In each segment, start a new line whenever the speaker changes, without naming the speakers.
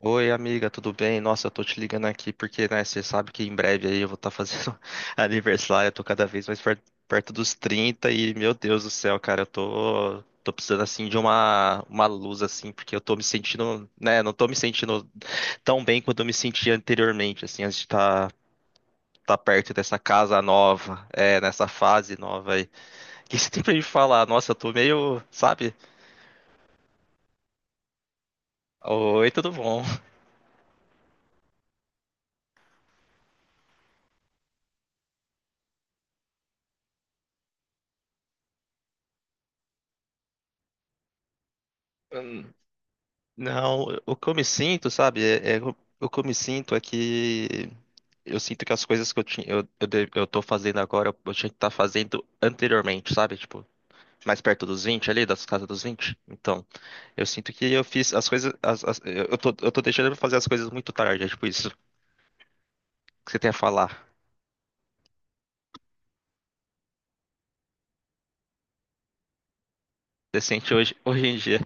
Oi, amiga, tudo bem? Nossa, eu tô te ligando aqui porque, né, você sabe que em breve aí eu vou estar fazendo aniversário, eu tô cada vez mais perto dos 30 e, meu Deus do céu, cara, eu tô precisando, assim, de uma luz, assim, porque eu tô me sentindo, né, não tô me sentindo tão bem quanto eu me sentia anteriormente, assim, antes de estar tá perto dessa casa nova, é, nessa fase nova aí. O que você tem pra me falar? Nossa, eu tô meio, sabe? Oi, tudo bom? Não, o que eu me sinto, sabe? O que eu me sinto é que eu sinto que as coisas que eu tinha, eu tô fazendo agora, eu tinha que estar fazendo anteriormente, sabe? Tipo, mais perto dos 20 ali, das casas dos 20. Então, eu sinto que eu fiz as coisas, eu tô deixando de fazer as coisas muito tarde, é tipo isso que você tem a falar. Você sente hoje, hoje em dia.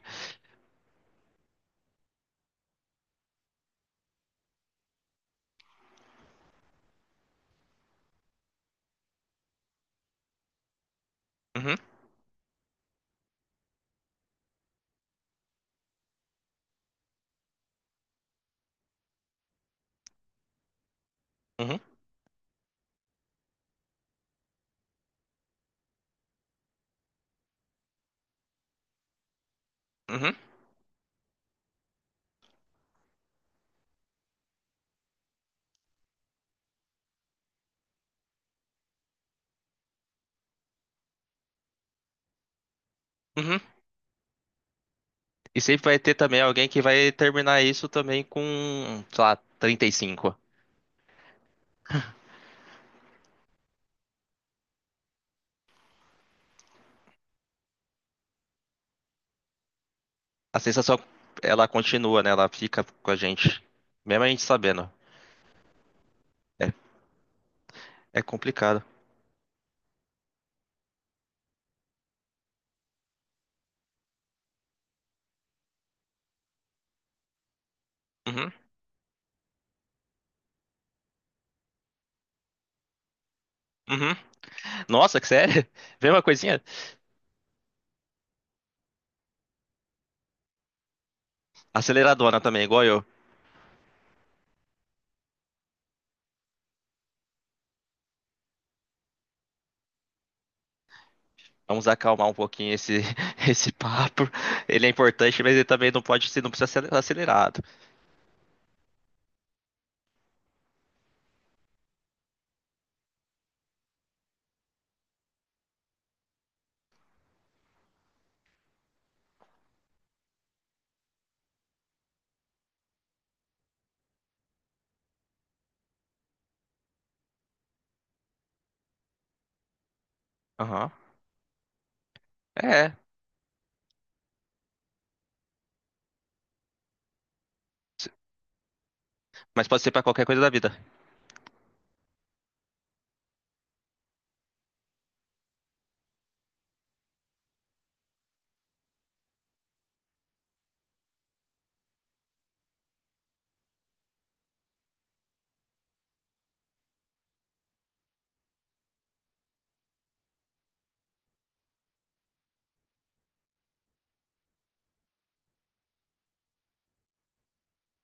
Uhum, uhum, uhum, uhum. E sempre vai ter também alguém que vai terminar isso também com, sei lá, 35. A sensação, ela continua, né? Ela fica com a gente, mesmo a gente sabendo. É, é complicado. Uhum, uhum. Nossa, que sério? Vem uma coisinha? Aceleradona também, igual eu. Vamos acalmar um pouquinho esse, esse papo. Ele é importante, mas ele também não pode ser, não precisa ser acelerado. Aham. É. Mas pode ser pra qualquer coisa da vida.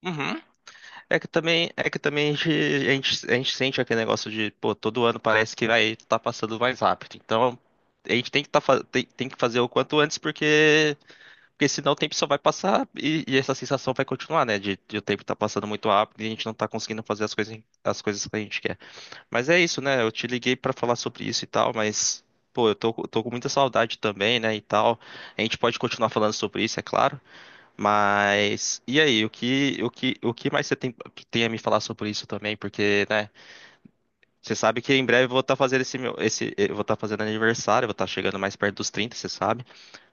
Uhum. É que também a gente sente aquele negócio de, pô, todo ano parece que vai tá passando mais rápido. Então, a gente tem que, tá, tem que fazer o quanto antes, porque senão o tempo só vai passar e essa sensação vai continuar, né? De o tempo tá passando muito rápido e a gente não tá conseguindo fazer as coisas que a gente quer. Mas é isso, né? Eu te liguei pra falar sobre isso e tal, mas, pô, eu tô com muita saudade também, né? E tal. A gente pode continuar falando sobre isso, é claro. Mas e aí, o que mais você tem, tem a me falar sobre isso também? Porque, né, você sabe que em breve eu vou estar fazendo aniversário, eu vou estar chegando mais perto dos 30 você sabe?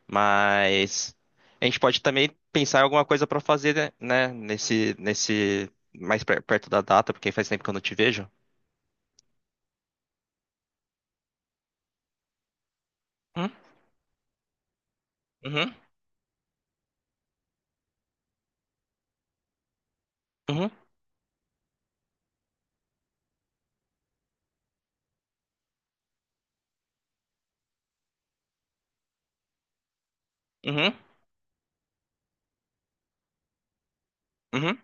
Mas a gente pode também pensar em alguma coisa para fazer, né, nesse mais perto da data, porque faz tempo que eu não te vejo. Uhum, uhum, uhum, uhum, uhum,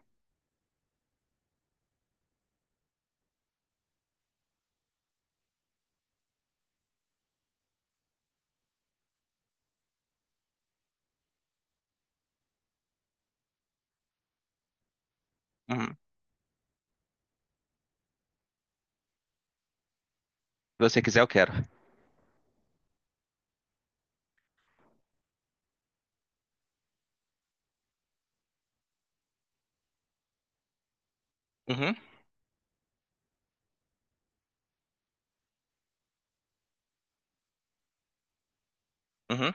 uhum. Se você quiser, eu quero. Uhum, uhum,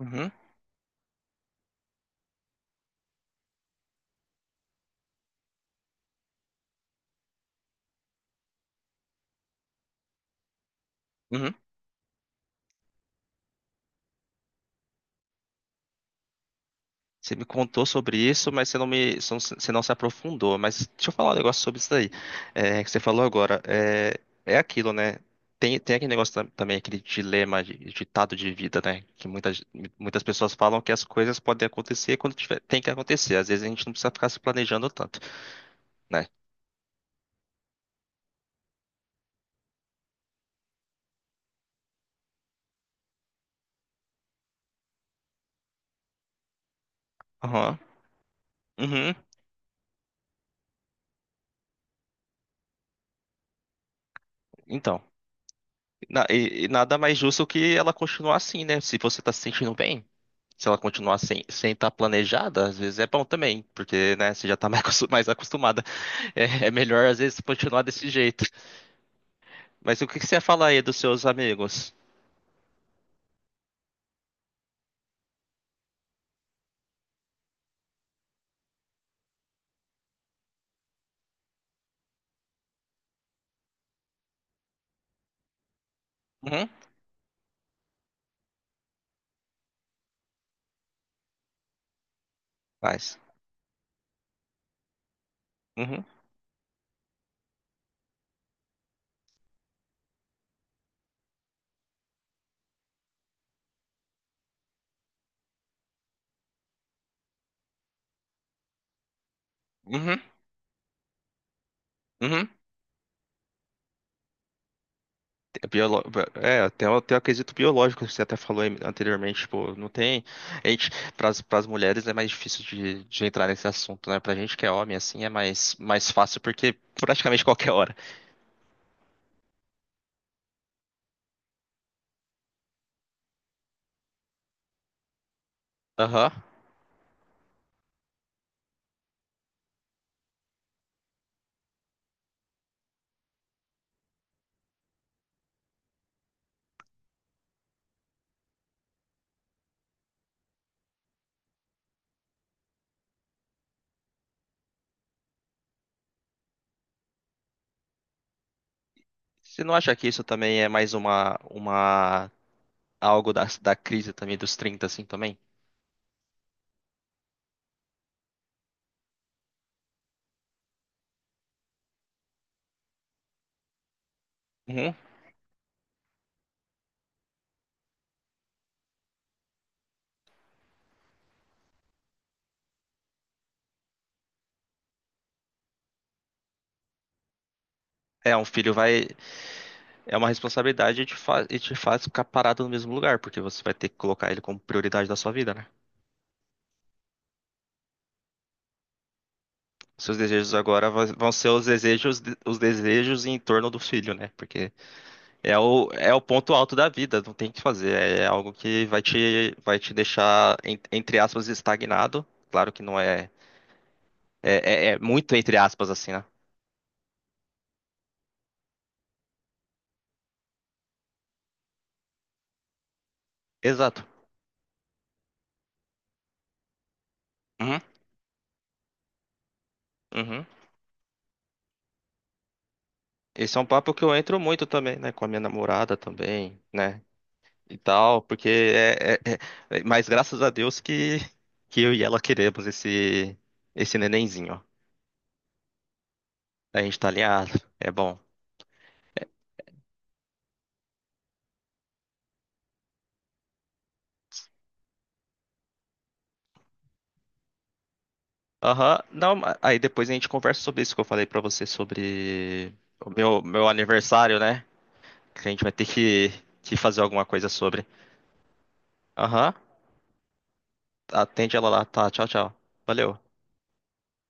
uhum, uhum. Você me contou sobre isso, mas você não me, você não se aprofundou. Mas deixa eu falar um negócio sobre isso daí, é, que você falou agora. É, é aquilo, né? Tem, tem aquele negócio também, aquele dilema, ditado de vida, né? Que muitas, muitas pessoas falam que as coisas podem acontecer quando tiver, tem que acontecer. Às vezes a gente não precisa ficar se planejando tanto, né? Aham. Uhum. Então. E, e nada mais justo que ela continuar assim, né? Se você tá se sentindo bem, se ela continuar sem sem estar planejada, às vezes é bom também, porque, né, você já tá mais mais acostumada. É, é melhor, às vezes, continuar desse jeito. Mas o que que você fala aí dos seus amigos? Uhum, faz. Uhum, uhum, uhum. É, biolo... é até, até eu acredito biológico, que você até falou aí anteriormente, tipo, não tem. A gente, para as mulheres é mais difícil de entrar nesse assunto, né? Pra gente que é homem, assim, é mais, mais fácil, porque praticamente qualquer hora. Aham. Você não acha que isso também é mais uma algo da, da crise também dos 30 assim, também? Uhum. É, um filho vai. É uma responsabilidade e te faz ficar parado no mesmo lugar, porque você vai ter que colocar ele como prioridade da sua vida, né? Seus desejos agora vão ser os desejos em torno do filho, né? Porque é o ponto alto da vida, não tem o que fazer. É algo que vai te deixar, entre aspas, estagnado. Claro que não é, é muito entre aspas, assim, né? Exato. Uhum, uhum. Esse é um papo que eu entro muito também, né? Com a minha namorada também, né? E tal, porque mas graças a Deus que eu e ela queremos esse, esse nenenzinho, ó. A gente tá alinhado, é bom. Aham, não, aí depois a gente conversa sobre isso que eu falei pra você sobre o meu, meu aniversário, né? Que a gente vai ter que fazer alguma coisa sobre. Aham, atende ela lá, tá? Tchau, tchau. Valeu.